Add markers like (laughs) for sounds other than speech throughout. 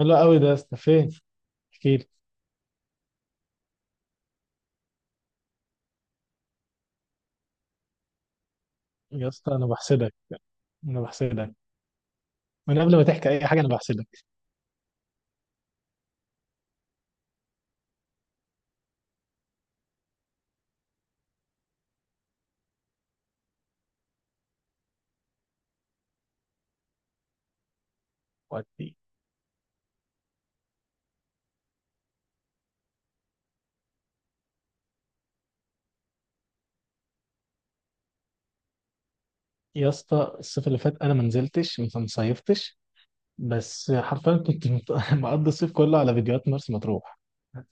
حلو قوي ده يا اسطى، فين؟ احكي لي يا اسطى، انا بحسدك. انا بحسدك. من قبل ما تحكي اي حاجه انا بحسدك. ودي يا اسطى. الصيف اللي فات انا ما نزلتش ما صيفتش، بس حرفيا كنت (laughs) مقضي الصيف كله على فيديوهات مرسى مطروح.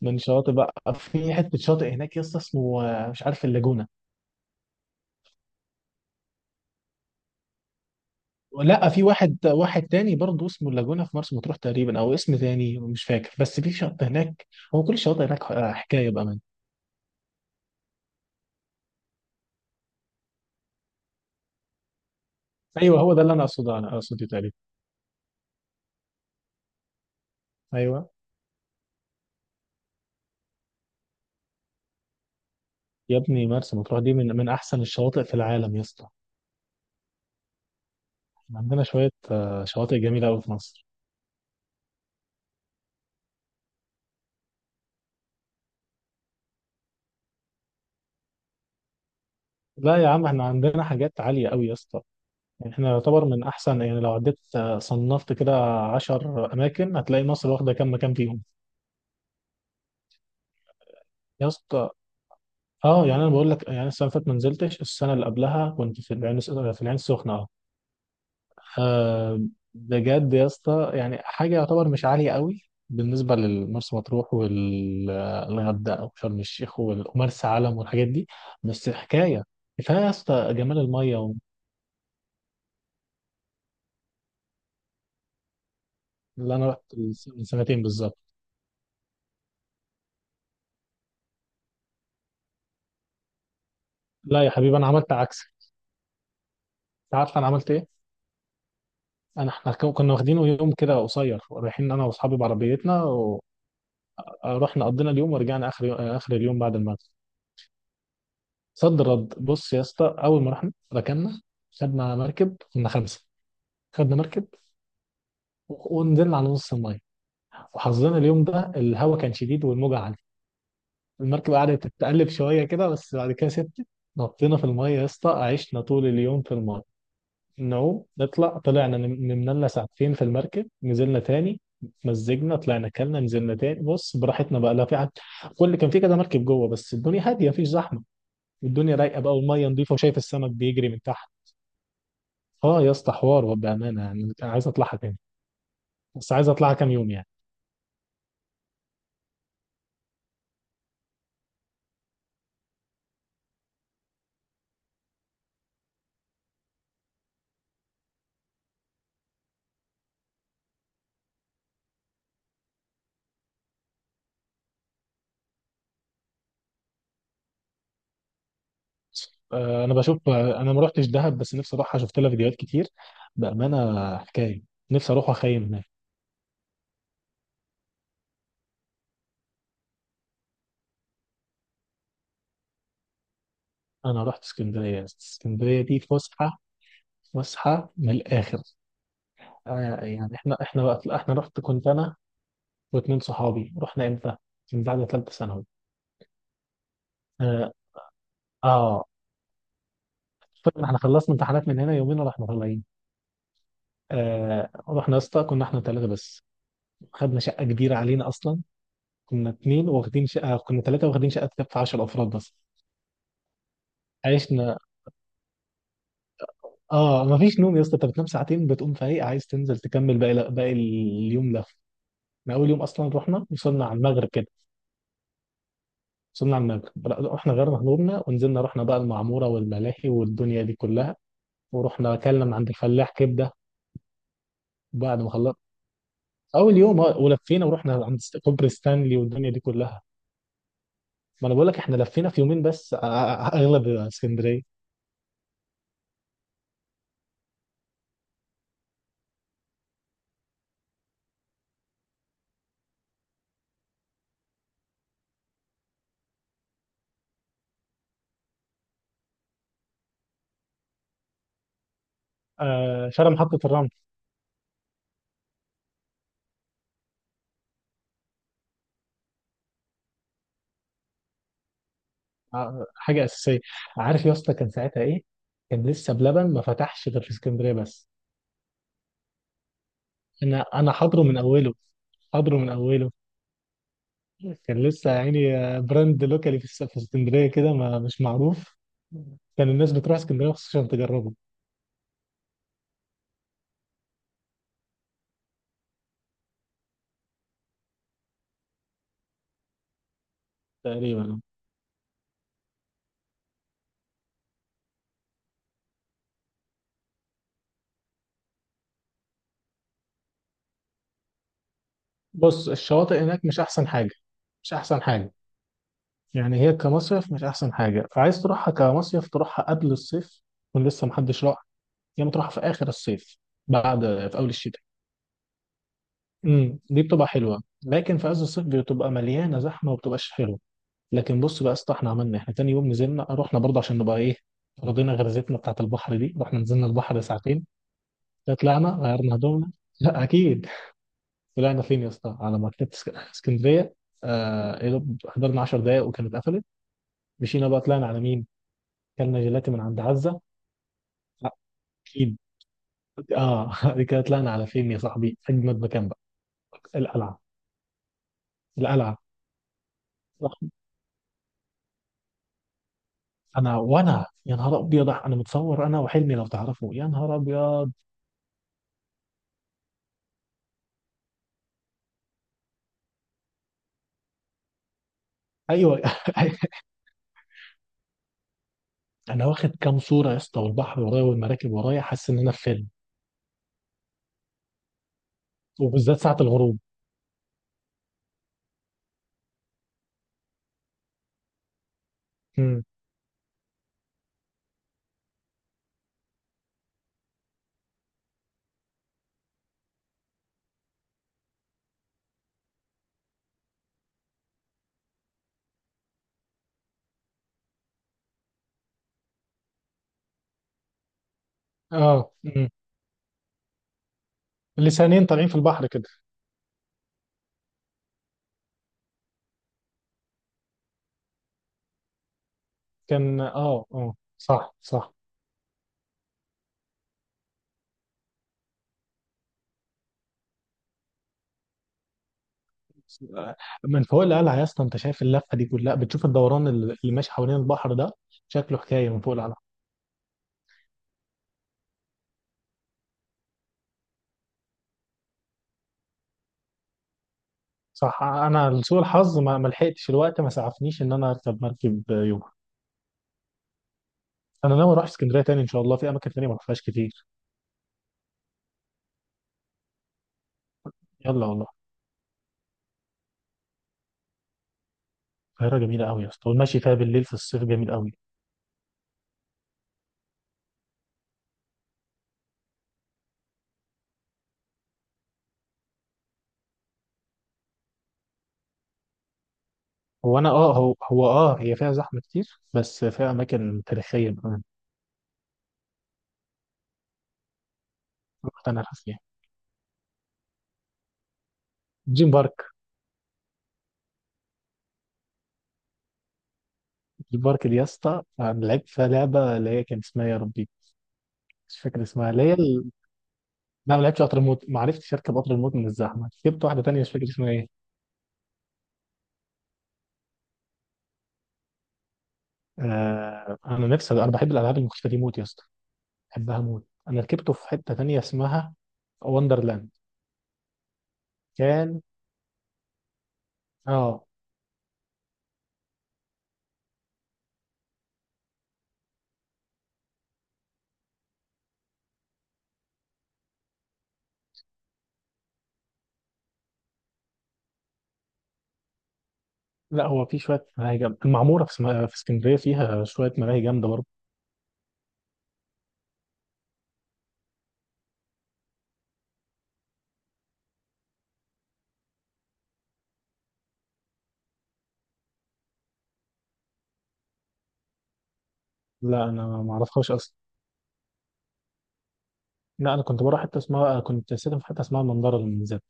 من شاطئ بقى، في حته شاطئ هناك يا اسطى اسمه مش عارف، اللاجونه. لا، في واحد واحد تاني برضه اسمه اللاجونه في مرسى مطروح تقريبا، او اسم تاني مش فاكر، بس في شاطئ هناك. هو كل الشواطئ هناك حكايه بامان. ايوه هو ده اللي انا اقصده، انا اقصده تقريبا. ايوه. يا ابني مرسى مطروح دي من احسن الشواطئ في العالم يا اسطى. إحنا عندنا شويه شواطئ جميله قوي في مصر. لا يا عم، احنا عندنا حاجات عاليه قوي يا اسطى. يعني احنا يعتبر من احسن. يعني لو عديت صنفت كده عشر اماكن هتلاقي مصر واخده كام مكان فيهم. يا اسطى، اه يعني انا بقول لك يعني السنه اللي فاتت ما نزلتش، السنه اللي قبلها كنت في العين، في العين السخنه. آه. بجد يا اسطى يعني حاجه يعتبر مش عاليه قوي بالنسبه لمرسى مطروح والغردقه وشرم الشيخ ومرسى علم والحاجات دي. بس حكايه. كفايه يا اسطى جمال الميه و- اللي انا رحت من سنتين بالظبط. لا يا حبيبي انا عملت عكس. انت عارف انا عملت ايه؟ انا احنا كنا واخدين يوم كده قصير رايحين انا واصحابي بعربيتنا، ورحنا قضينا اليوم ورجعنا اخر يوم، اخر اليوم بعد المغرب. صد رد. بص يا اسطى، اول ما رحنا ركننا، خدنا مركب كنا خمسه. خدنا مركب ونزلنا على نص الميه، وحظنا اليوم ده الهواء كان شديد والموجه عاليه. المركب قعدت تتقلب شويه كده بس بعد كده سبت. نطينا في الميه يا اسطى، عشنا طول اليوم في الميه، نعوم نطلع. طلعنا نمنا لنا ساعتين في المركب، نزلنا تاني. مزجنا، طلعنا كلنا، نزلنا تاني. بص براحتنا بقى، لا في حد. كل كان في كده مركب جوه بس الدنيا هاديه، مفيش زحمه. والدنيا رايقه بقى، والميه نظيفه، وشايف السمك بيجري من تحت. اه يا اسطى حوار، وبامانه يعني عايز اطلعها تاني، بس عايز اطلعها كام يوم يعني. انا بشوف. انا ما رحتش دهب بس نفسي اروحها، شفت لها فيديوهات كتير. بامانه حكايه. نفسي اروح واخيم هناك. انا رحت اسكندريه، اسكندريه دي فسحه. فسحه من الاخر. يعني احنا وقت احنا رحت كنت انا واثنين صحابي. رحنا امتى؟ من بعد ثالثه ثانوي. اه. آه، طيب، احنا خلصنا امتحانات من هنا يومين ورحنا طالعين. آه رحنا يا اسطى كنا احنا ثلاثه بس. خدنا شقه كبيره علينا اصلا. كنا اثنين واخدين شقه، كنا ثلاثه واخدين شقه تكفي 10 افراد بس. عشنا. اه، مفيش نوم يا اسطى. انت بتنام ساعتين بتقوم فايق عايز تنزل تكمل باقي اليوم ده. احنا اول يوم اصلا رحنا وصلنا على المغرب كده. وصلنا على المغرب، لا، احنا غيرنا هدومنا ونزلنا، رحنا بقى المعموره والملاهي والدنيا دي كلها. ورحنا اكلنا من عند الفلاح كبده. وبعد ما خلصنا اول يوم، ولفينا ورحنا عند كوبري ستانلي والدنيا دي كلها. ما انا بقول لك احنا لفينا في يومين بس. اغلب اسكندريه. شارع محطه الرمل. حاجه اساسيه. عارف يا اسطى كان ساعتها ايه؟ كان لسه بلبن ما فتحش غير في اسكندريه بس. انا حاضره من اوله، حاضره من اوله. كان لسه يعني براند لوكالي في في اسكندريه كده، ما مش معروف. كان الناس بتروح اسكندريه مخصوص عشان تجربه. تقريبا. بص الشواطئ هناك مش احسن حاجه. مش احسن حاجه. يعني هي كمصيف مش احسن حاجه، فعايز تروحها كمصيف تروحها قبل الصيف يكون لسه محدش راح، يا اما تروحها في اخر الصيف بعد. في اول الشتاء. امم، دي بتبقى حلوه لكن في عز الصيف بتبقى مليانه زحمه وبتبقاش حلوه. لكن بص بقى يا اسطى، احنا عملنا احنا تاني يوم نزلنا، رحنا برضه عشان نبقى ايه، رضينا غرزتنا بتاعت البحر دي، رحنا نزلنا البحر ساعتين. طلعنا غيرنا هدومنا (laughs) لا اكيد. طلعنا فين يا اسطى؟ على مكتبة اسكندريه. آه إيه ده، حضرنا 10 دقايق وكانت قفلت. مشينا بقى، طلعنا على مين؟ كلنا جيلاتي من عند عزه. لا، اكيد. اه (laughs) دي كده طلعنا على فين يا صاحبي؟ اجمد مكان بقى. القلعه. القلعه صاحبي، انا يا نهار ابيض، انا متصور انا وحلمي لو تعرفوا، يا نهار ابيض. ايوه (laughs) انا واخد كام صوره يا اسطى والبحر ورايا والمراكب ورايا، حاسس ان انا في فيلم. وبالذات ساعه الغروب. امم. اه امم. لسانين طالعين في البحر كده. كان اه اه صح صح. من فوق القلعه يا اسطى انت شايف اللفه دي كلها، بتشوف الدوران اللي ماشي حوالين البحر ده. شكله حكايه من فوق القلعه. صح. انا لسوء الحظ ما لحقتش الوقت، ما سعفنيش ان انا اركب مركب يوم. انا ناوي اروح اسكندريه تاني ان شاء الله، في اماكن تانيه ما رحتهاش كتير. يلا والله. القاهره جميله قوي يا اسطى، والمشي فيها بالليل في الصيف جميل قوي. هو انا اه هو هو اه هي فيها زحمه كتير بس فيها اماكن تاريخيه كمان. رحت انا فيها. دريم بارك. دريم بارك دي يا اسطى أنا لعبت فيها لعبه اللي هي كان اسمها، يا ربي مش فاكر اسمها، اللي هي ال-. لا ما لعبتش قطر الموت، ما عرفتش اركب قطر الموت من الزحمه، جبت واحده تانيه مش فاكر اسمها ايه. آه انا نفسي، انا بحب الالعاب المختلفه دي موت يا اسطى، بحبها موت. انا ركبته في حته تانيه اسمها وندرلاند. كان اه. لا هو في شويه ملاهي جامده، المعموره في في اسكندريه فيها شويه ملاهي جامده برضه. لا انا ما اعرفهاش اصلا. لا انا كنت بروح حته اسمها، كنت ساكن في حته اسمها المنظره للمنزل.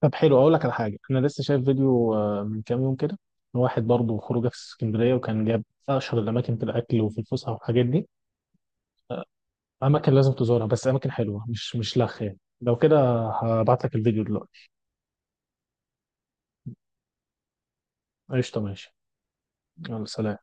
طب حلو، اقول لك على حاجه. انا لسه شايف فيديو من كام يوم كده، واحد برضه خروجه في اسكندريه وكان جاب اشهر الاماكن في الاكل وفي الفسحه والحاجات دي. اماكن لازم تزورها، بس اماكن حلوه مش لخ يعني. لو كده هبعت لك الفيديو دلوقتي. قشطه ماشي. يلا سلام.